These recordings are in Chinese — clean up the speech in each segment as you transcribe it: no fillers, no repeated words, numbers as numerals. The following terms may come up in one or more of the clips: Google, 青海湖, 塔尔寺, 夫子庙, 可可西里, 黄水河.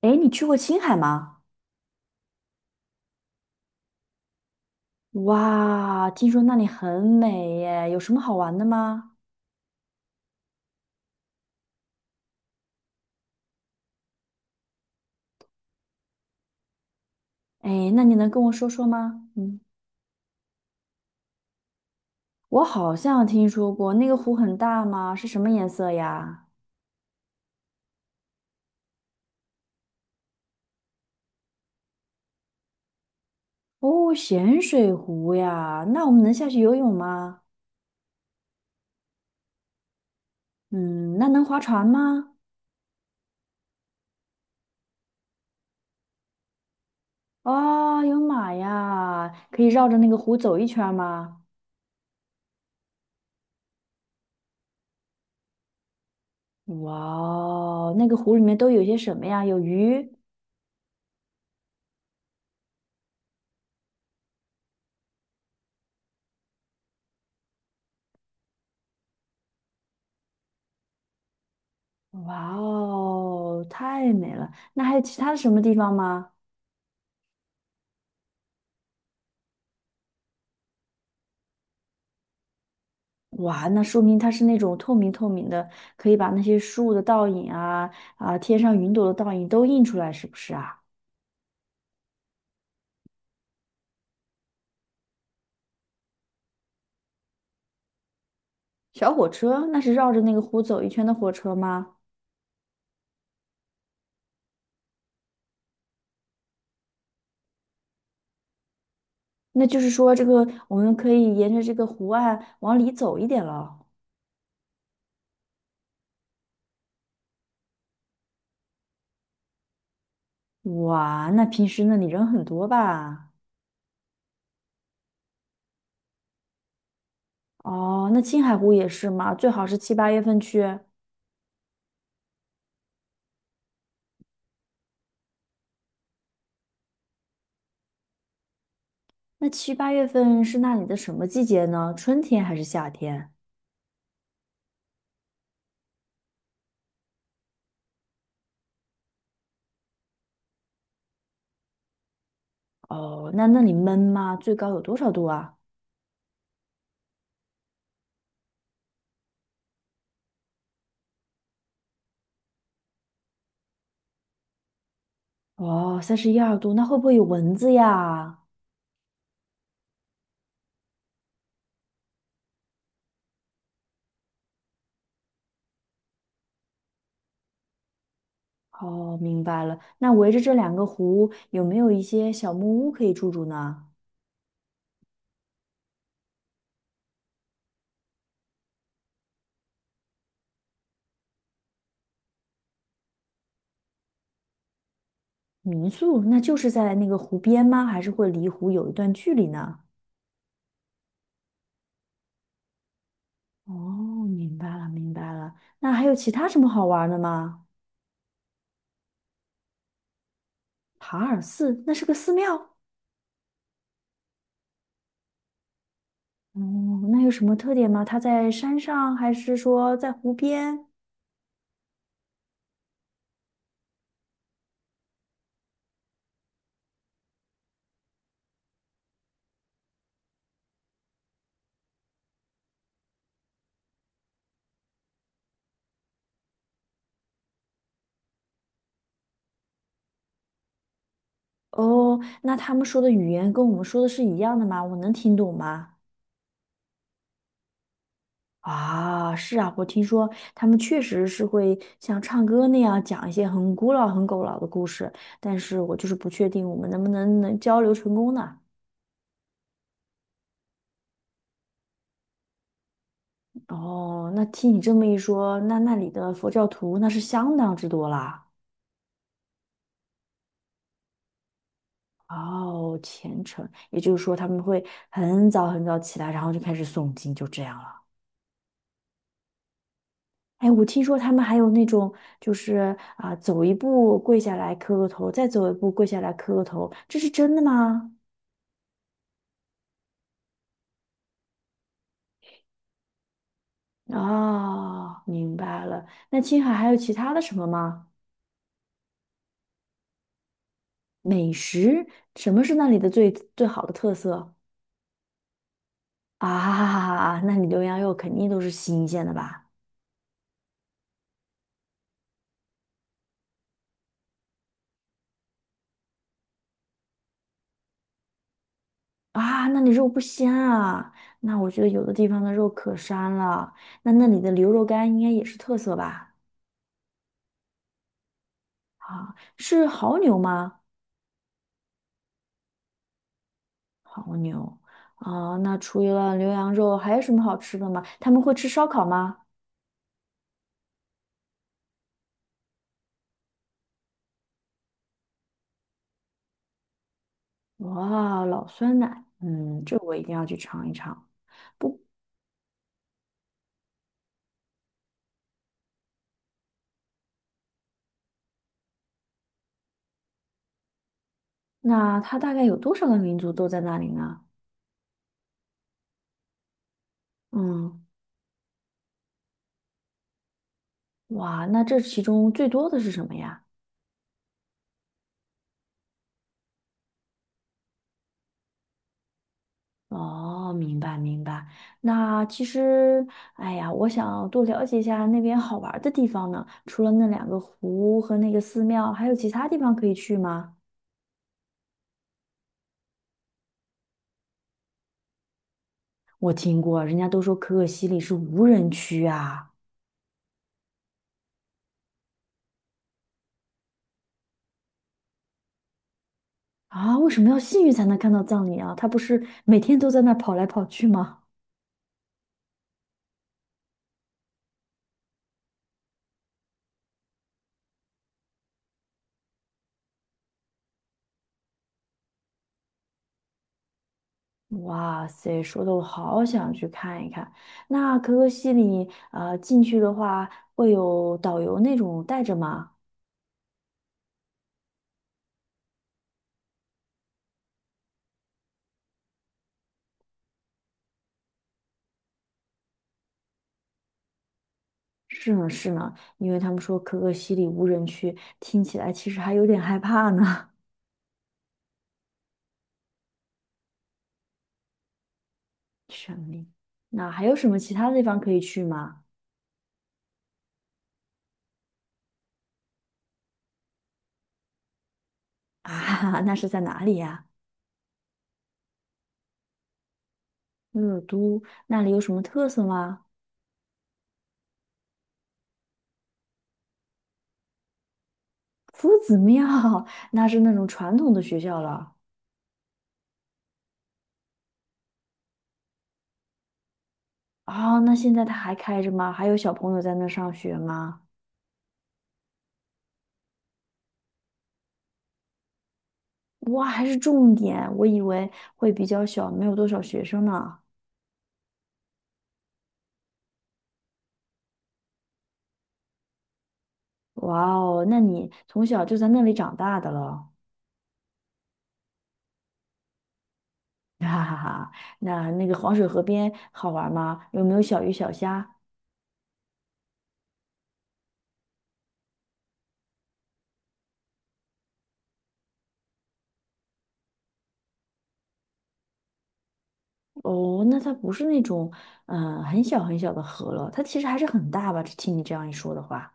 哎，你去过青海吗？哇，听说那里很美耶，有什么好玩的吗？哎，那你能跟我说说吗？嗯，我好像听说过那个湖很大吗？是什么颜色呀？哦，咸水湖呀，那我们能下去游泳吗？嗯，那能划船吗？哦，有马呀，可以绕着那个湖走一圈吗？哇哦那个湖里面都有些什么呀？有鱼？哇哦，太美了！那还有其他的什么地方吗？哇，那说明它是那种透明透明的，可以把那些树的倒影啊啊，天上云朵的倒影都映出来，是不是啊？小火车那是绕着那个湖走一圈的火车吗？那就是说，这个我们可以沿着这个湖岸往里走一点了。哇，那平时那里人很多吧？哦，那青海湖也是吗？最好是7、8月份去。那七八月份是那里的什么季节呢？春天还是夏天？哦，那那里闷吗？最高有多少度啊？哦，31、2度，那会不会有蚊子呀？哦，明白了。那围着这两个湖，有没有一些小木屋可以住住呢？民宿，那就是在那个湖边吗？还是会离湖有一段距离呢？哦，明白了，明白了。那还有其他什么好玩的吗？塔尔寺，那是个寺庙。哦，那有什么特点吗？它在山上，还是说在湖边？哦，那他们说的语言跟我们说的是一样的吗？我能听懂吗？啊，是啊，我听说他们确实是会像唱歌那样讲一些很古老、很古老的故事，但是我就是不确定我们能不能交流成功呢？哦，那听你这么一说，那那里的佛教徒那是相当之多啦。哦，虔诚，也就是说他们会很早很早起来，然后就开始诵经，就这样了。哎，我听说他们还有那种，就是啊、走一步跪下来磕个头，再走一步跪下来磕个头，这是真的吗？哦，明白了。那青海还有其他的什么吗？美食，什么是那里的最好的特色啊？那你牛羊肉肯定都是新鲜的吧？啊，那你肉不鲜啊？那我觉得有的地方的肉可膻了。那那里的牛肉干应该也是特色吧？啊，是牦牛吗？好牛啊！那除了牛羊肉，还有什么好吃的吗？他们会吃烧烤吗？哇，老酸奶，嗯，这我一定要去尝一尝。那它大概有多少个民族都在那里呢？嗯，哇，那这其中最多的是什么呀？哦，明白明白。那其实，哎呀，我想多了解一下那边好玩儿的地方呢。除了那两个湖和那个寺庙，还有其他地方可以去吗？我听过，人家都说可可西里是无人区啊。啊，为什么要幸运才能看到葬礼啊？他不是每天都在那儿跑来跑去吗？哇塞，说的我好想去看一看。那可可西里，进去的话会有导游那种带着吗？是呢，是呢，因为他们说可可西里无人区，听起来其实还有点害怕呢。神秘。那还有什么其他地方可以去吗？啊，那是在哪里呀？热都，那里有什么特色吗？夫子庙，那是那种传统的学校了。哦，那现在它还开着吗？还有小朋友在那上学吗？哇，还是重点，我以为会比较小，没有多少学生呢。哇哦，那你从小就在那里长大的了，哈哈哈。那那个黄水河边好玩吗？有没有小鱼小虾？哦，那它不是那种很小很小的河了，它其实还是很大吧？听你这样一说的话，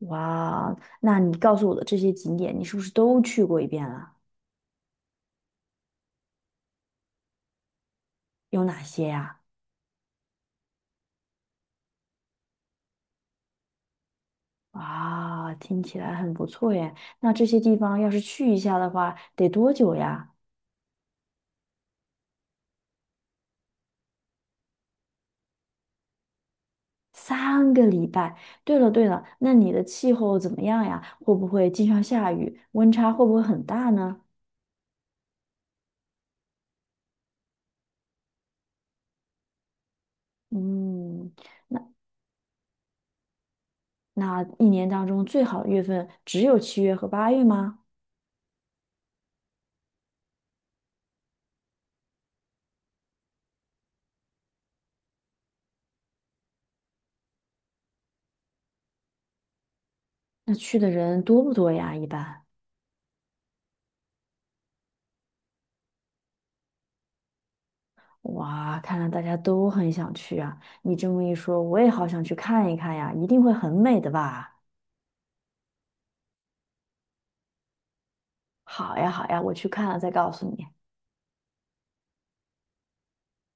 哇哦，那你告诉我的这些景点，你是不是都去过一遍了？有哪些呀、哇，听起来很不错耶。那这些地方要是去一下的话，得多久呀？3个礼拜。对了对了，那你的气候怎么样呀？会不会经常下雨？温差会不会很大呢？嗯，那一年当中最好的月份只有7月和8月吗？那去的人多不多呀？一般。哇，看来大家都很想去啊！你这么一说，我也好想去看一看呀，一定会很美的吧？好呀，好呀，我去看了再告诉你。